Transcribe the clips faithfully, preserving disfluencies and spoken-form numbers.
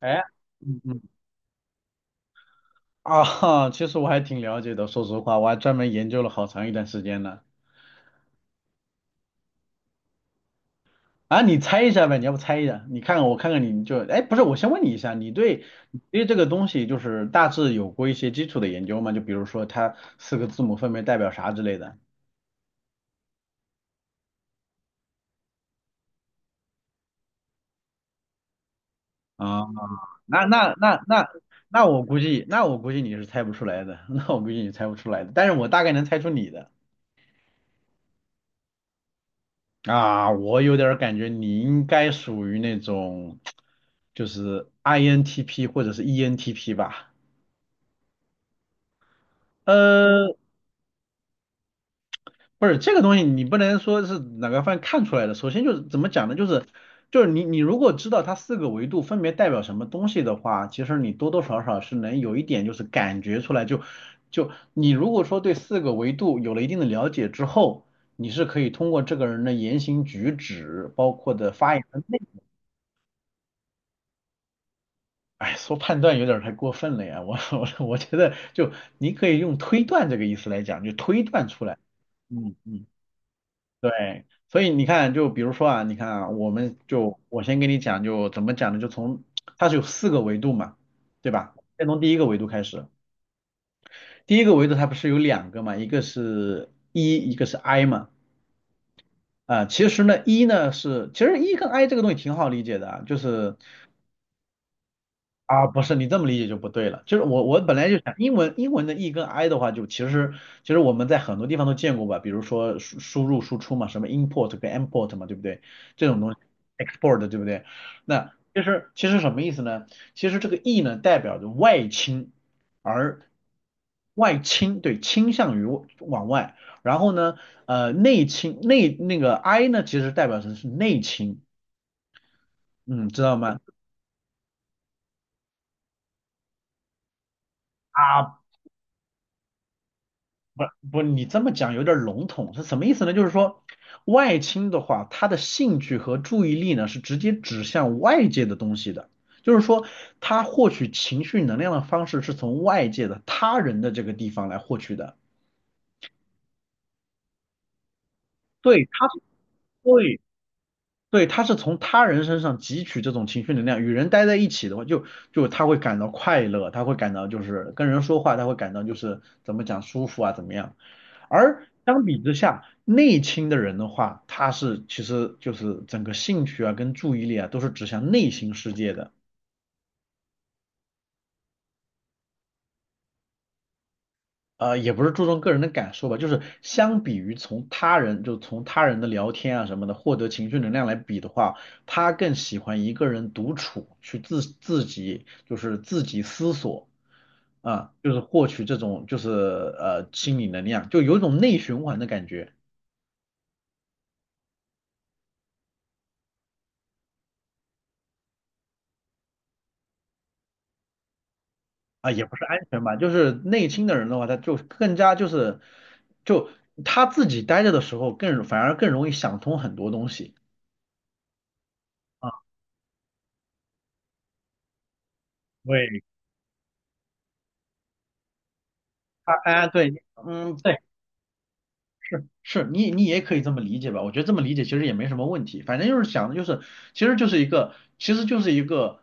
哎，嗯嗯啊，其实我还挺了解的，说实话，我还专门研究了好长一段时间呢。啊，你猜一下呗，你要不猜一下？你看看我看看你，你就，哎，不是，我先问你一下，你对你对这个东西就是大致有过一些基础的研究吗？就比如说它四个字母分别代表啥之类的啊？那那那那那我估计，那我估计你是猜不出来的，那我估计你猜不出来的，但是我大概能猜出你的。啊，我有点儿感觉你应该属于那种，就是 I N T P 或者是 E N T P 吧。呃，不是这个东西，你不能说是哪个方面看出来的。首先就是怎么讲呢？就是就是你你如果知道它四个维度分别代表什么东西的话，其实你多多少少是能有一点就是感觉出来就。就你如果说对四个维度有了一定的了解之后，你是可以通过这个人的言行举止，包括的发言。哎，说判断有点儿太过分了呀，我 我我觉得就你可以用推断这个意思来讲，就推断出来。嗯嗯，对，所以你看，就比如说啊，你看啊，我们就我先给你讲，就怎么讲呢？就从它是有四个维度嘛，对吧？先从第一个维度开始，第一个维度它不是有两个嘛，一个是 E，一个是 I 嘛。啊、其实呢，E 呢是，其实 E 跟 I 这个东西挺好理解的啊，就是啊，不是你这么理解就不对了，就是我我本来就想英文英文的 e 跟 i 的话，就其实其实我们在很多地方都见过吧，比如说输输入输出嘛，什么 import 跟 import 嘛，对不对？这种东西 export 对不对？那其实其实什么意思呢？其实这个 e 呢代表着外倾，而外倾对倾向于往外，然后呢呃内倾内那个 i 呢其实代表的是内倾，嗯，知道吗？啊，不不，你这么讲有点笼统，是什么意思呢？就是说，外倾的话，他的兴趣和注意力呢是直接指向外界的东西的，就是说，他获取情绪能量的方式是从外界的他人的这个地方来获取的。对，他是对对，他是从他人身上汲取这种情绪能量。与人待在一起的话，就就他会感到快乐，他会感到就是跟人说话，他会感到就是怎么讲舒服啊，怎么样。而相比之下，内倾的人的话，他是其实就是整个兴趣啊跟注意力啊都是指向内心世界的，呃，也不是注重个人的感受吧，就是相比于从他人就从他人的聊天啊什么的获得情绪能量来比的话，他更喜欢一个人独处，去自自己就是自己思索啊，就是获取这种就是呃心理能量，就有一种内循环的感觉。啊，也不是安全吧，就是内倾的人的话，他就更加就是，就他自己待着的时候更，反而更容易想通很多东西啊。对，他啊对，嗯，对，是是，你你也可以这么理解吧，我觉得这么理解其实也没什么问题，反正就是想的就是，其实就是一个，其实就是一个，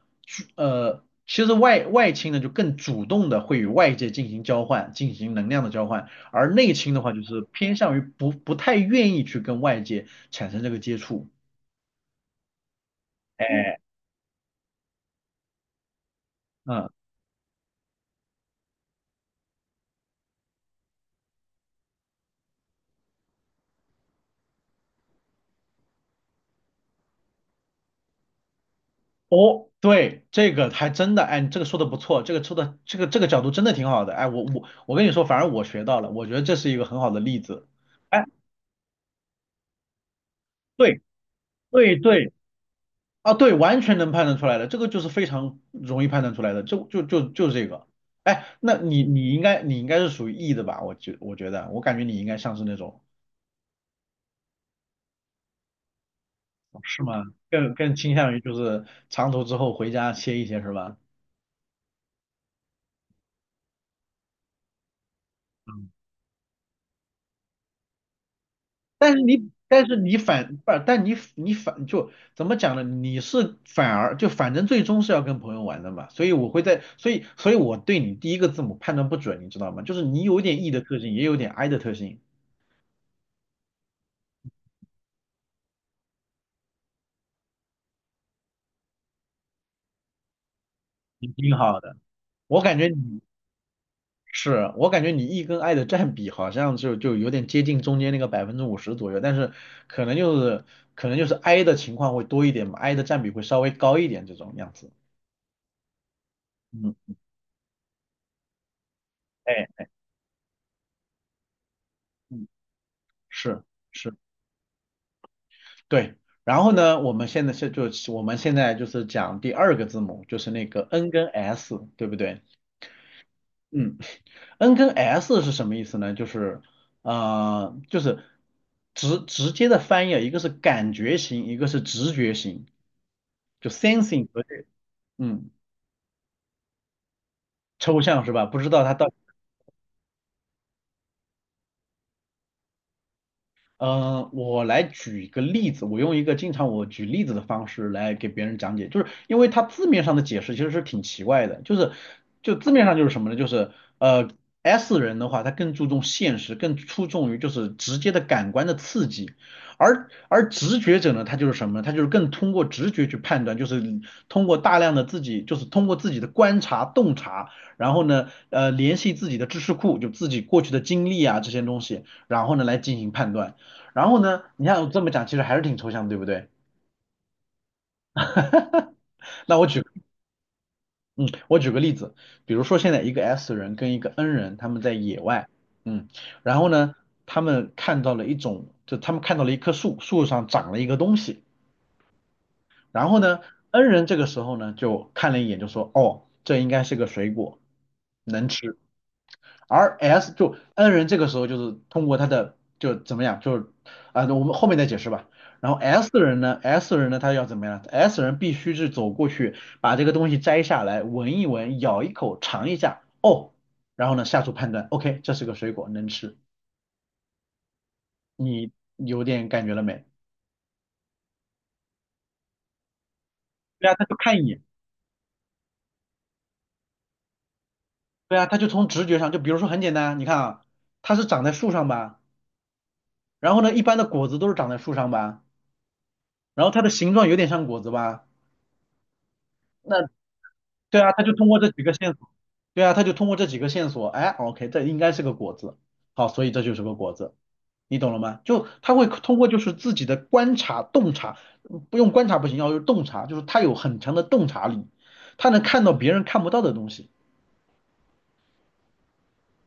呃，其实外外倾呢就更主动的会与外界进行交换，进行能量的交换，而内倾的话就是偏向于不不太愿意去跟外界产生这个接触。哎，嗯，哦，对，这个还真的，哎，你这个说的不错，这个说的这个这个角度真的挺好的，哎，我我我跟你说，反而我学到了，我觉得这是一个很好的例子，哎，对对对，啊，对，完全能判断出来的，这个就是非常容易判断出来的，就就就就是这个，哎，那你你应该你应该是属于 E 的吧？我觉我觉得，我感觉你应该像是那种，是吗？更更倾向于就是长途之后回家歇一歇是吧？嗯。但是你，但是你反，不，但你你反就怎么讲呢？你是反而就反正最终是要跟朋友玩的嘛，所以我会在，所以所以我对你第一个字母判断不准，你知道吗？就是你有点 E 的特性，也有点 I 的特性，你挺好的。我感觉你是，我感觉你 E 跟 I 的占比好像就就有点接近中间那个百分之五十左右，但是可能就是可能就是 I 的情况会多一点嘛，I 的占比会稍微高一点这种样子。嗯，哎，嗯，是。是对，然后呢，我们现在是就我们现在就是讲第二个字母，就是那个 N 跟 S，对不对？嗯，N 跟 S 是什么意思呢？就是呃，就是直直接的翻译啊，一个是感觉型，一个是直觉型，就 sensing 和这嗯抽象是吧？不知道它到。呃，我来举一个例子，我用一个经常我举例子的方式来给别人讲解，就是因为它字面上的解释其实是挺奇怪的，就是就字面上就是什么呢？就是呃 S 人的话，他更注重现实，更注重于就是直接的感官的刺激，而而直觉者呢，他就是什么呢？他就是更通过直觉去判断，就是通过大量的自己，就是通过自己的观察洞察，然后呢，呃，联系自己的知识库，就自己过去的经历啊这些东西，然后呢来进行判断。然后呢，你看我这么讲，其实还是挺抽象的对不对？那我举，嗯，我举个例子，比如说现在一个 S 人跟一个 N 人，他们在野外，嗯，然后呢，他们看到了一种，就他们看到了一棵树，树上长了一个东西，然后呢，N 人这个时候呢，就看了一眼，就说，哦，这应该是个水果，能吃。而 S 就 N 人这个时候就是通过他的就怎么样，就是啊、我们后面再解释吧。然后 S 人呢，S 人呢，他要怎么样？S 人必须是走过去，把这个东西摘下来，闻一闻，咬一口，尝一下，哦，然后呢下出判断，OK，这是个水果，能吃。你有点感觉了没？对啊，他就看一眼，对啊，他就从直觉上，就比如说很简单，你看啊，它是长在树上吧，然后呢，一般的果子都是长在树上吧，然后它的形状有点像果子吧。那对啊，他就通过这几个线索，对啊，他就通过这几个线索，哎，OK，这应该是个果子，好，所以这就是个果子，你懂了吗？就他会通过就是自己的观察洞察，嗯不用观察不行，要有洞察，就是他有很强的洞察力，他能看到别人看不到的东西。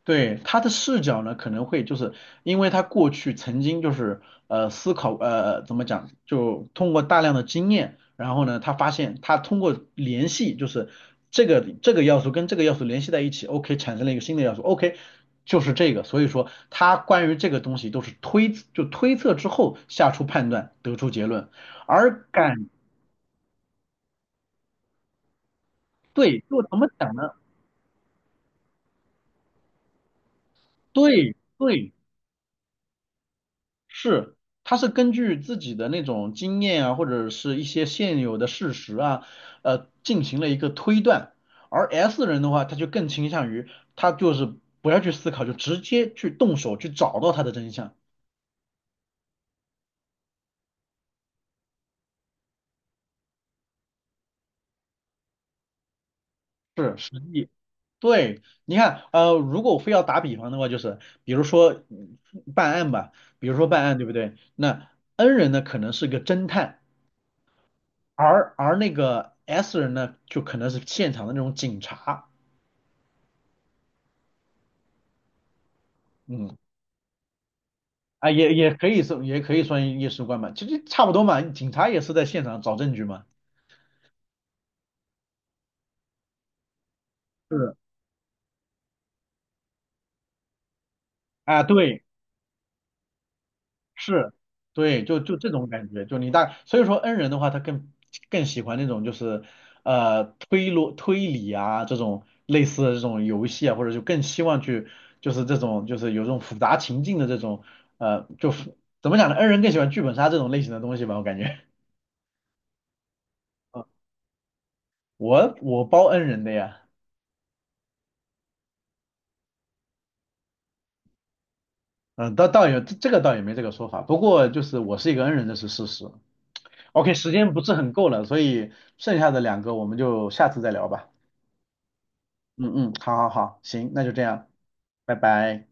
对，他的视角呢，可能会就是因为他过去曾经就是呃思考呃怎么讲，就通过大量的经验，然后呢，他发现他通过联系就是这个这个要素跟这个要素联系在一起，OK 产生了一个新的要素，OK 就是这个，所以说他关于这个东西都是推就推测之后下出判断得出结论，而感对，就怎么讲呢？对对，是，他是根据自己的那种经验啊，或者是一些现有的事实啊，呃，进行了一个推断。而 S 人的话，他就更倾向于他就是不要去思考，就直接去动手去找到他的真相。是，实际。对，你看，呃，如果我非要打比方的话，就是比如说嗯办案吧，比如说办案，对不对？那 N 人呢，可能是个侦探，而而那个 S 人呢，就可能是现场的那种警察。嗯。啊，也也可以是，也可以算夜尸官嘛，其实差不多嘛。警察也是在现场找证据嘛。是啊，对，是，对，就就这种感觉，就你大，所以说 N 人的话，他更更喜欢那种就是呃推逻推理啊这种类似的这种游戏啊，或者就更希望去就是这种就是有这种复杂情境的这种呃就复怎么讲呢？N 人更喜欢剧本杀这种类型的东西吧，我感觉。啊，我我包 N 人的呀。嗯，倒倒也这个倒也没这个说法，不过就是我是一个恩人，这是事实。OK，时间不是很够了，所以剩下的两个我们就下次再聊吧。嗯嗯，好好好，行，那就这样，拜拜。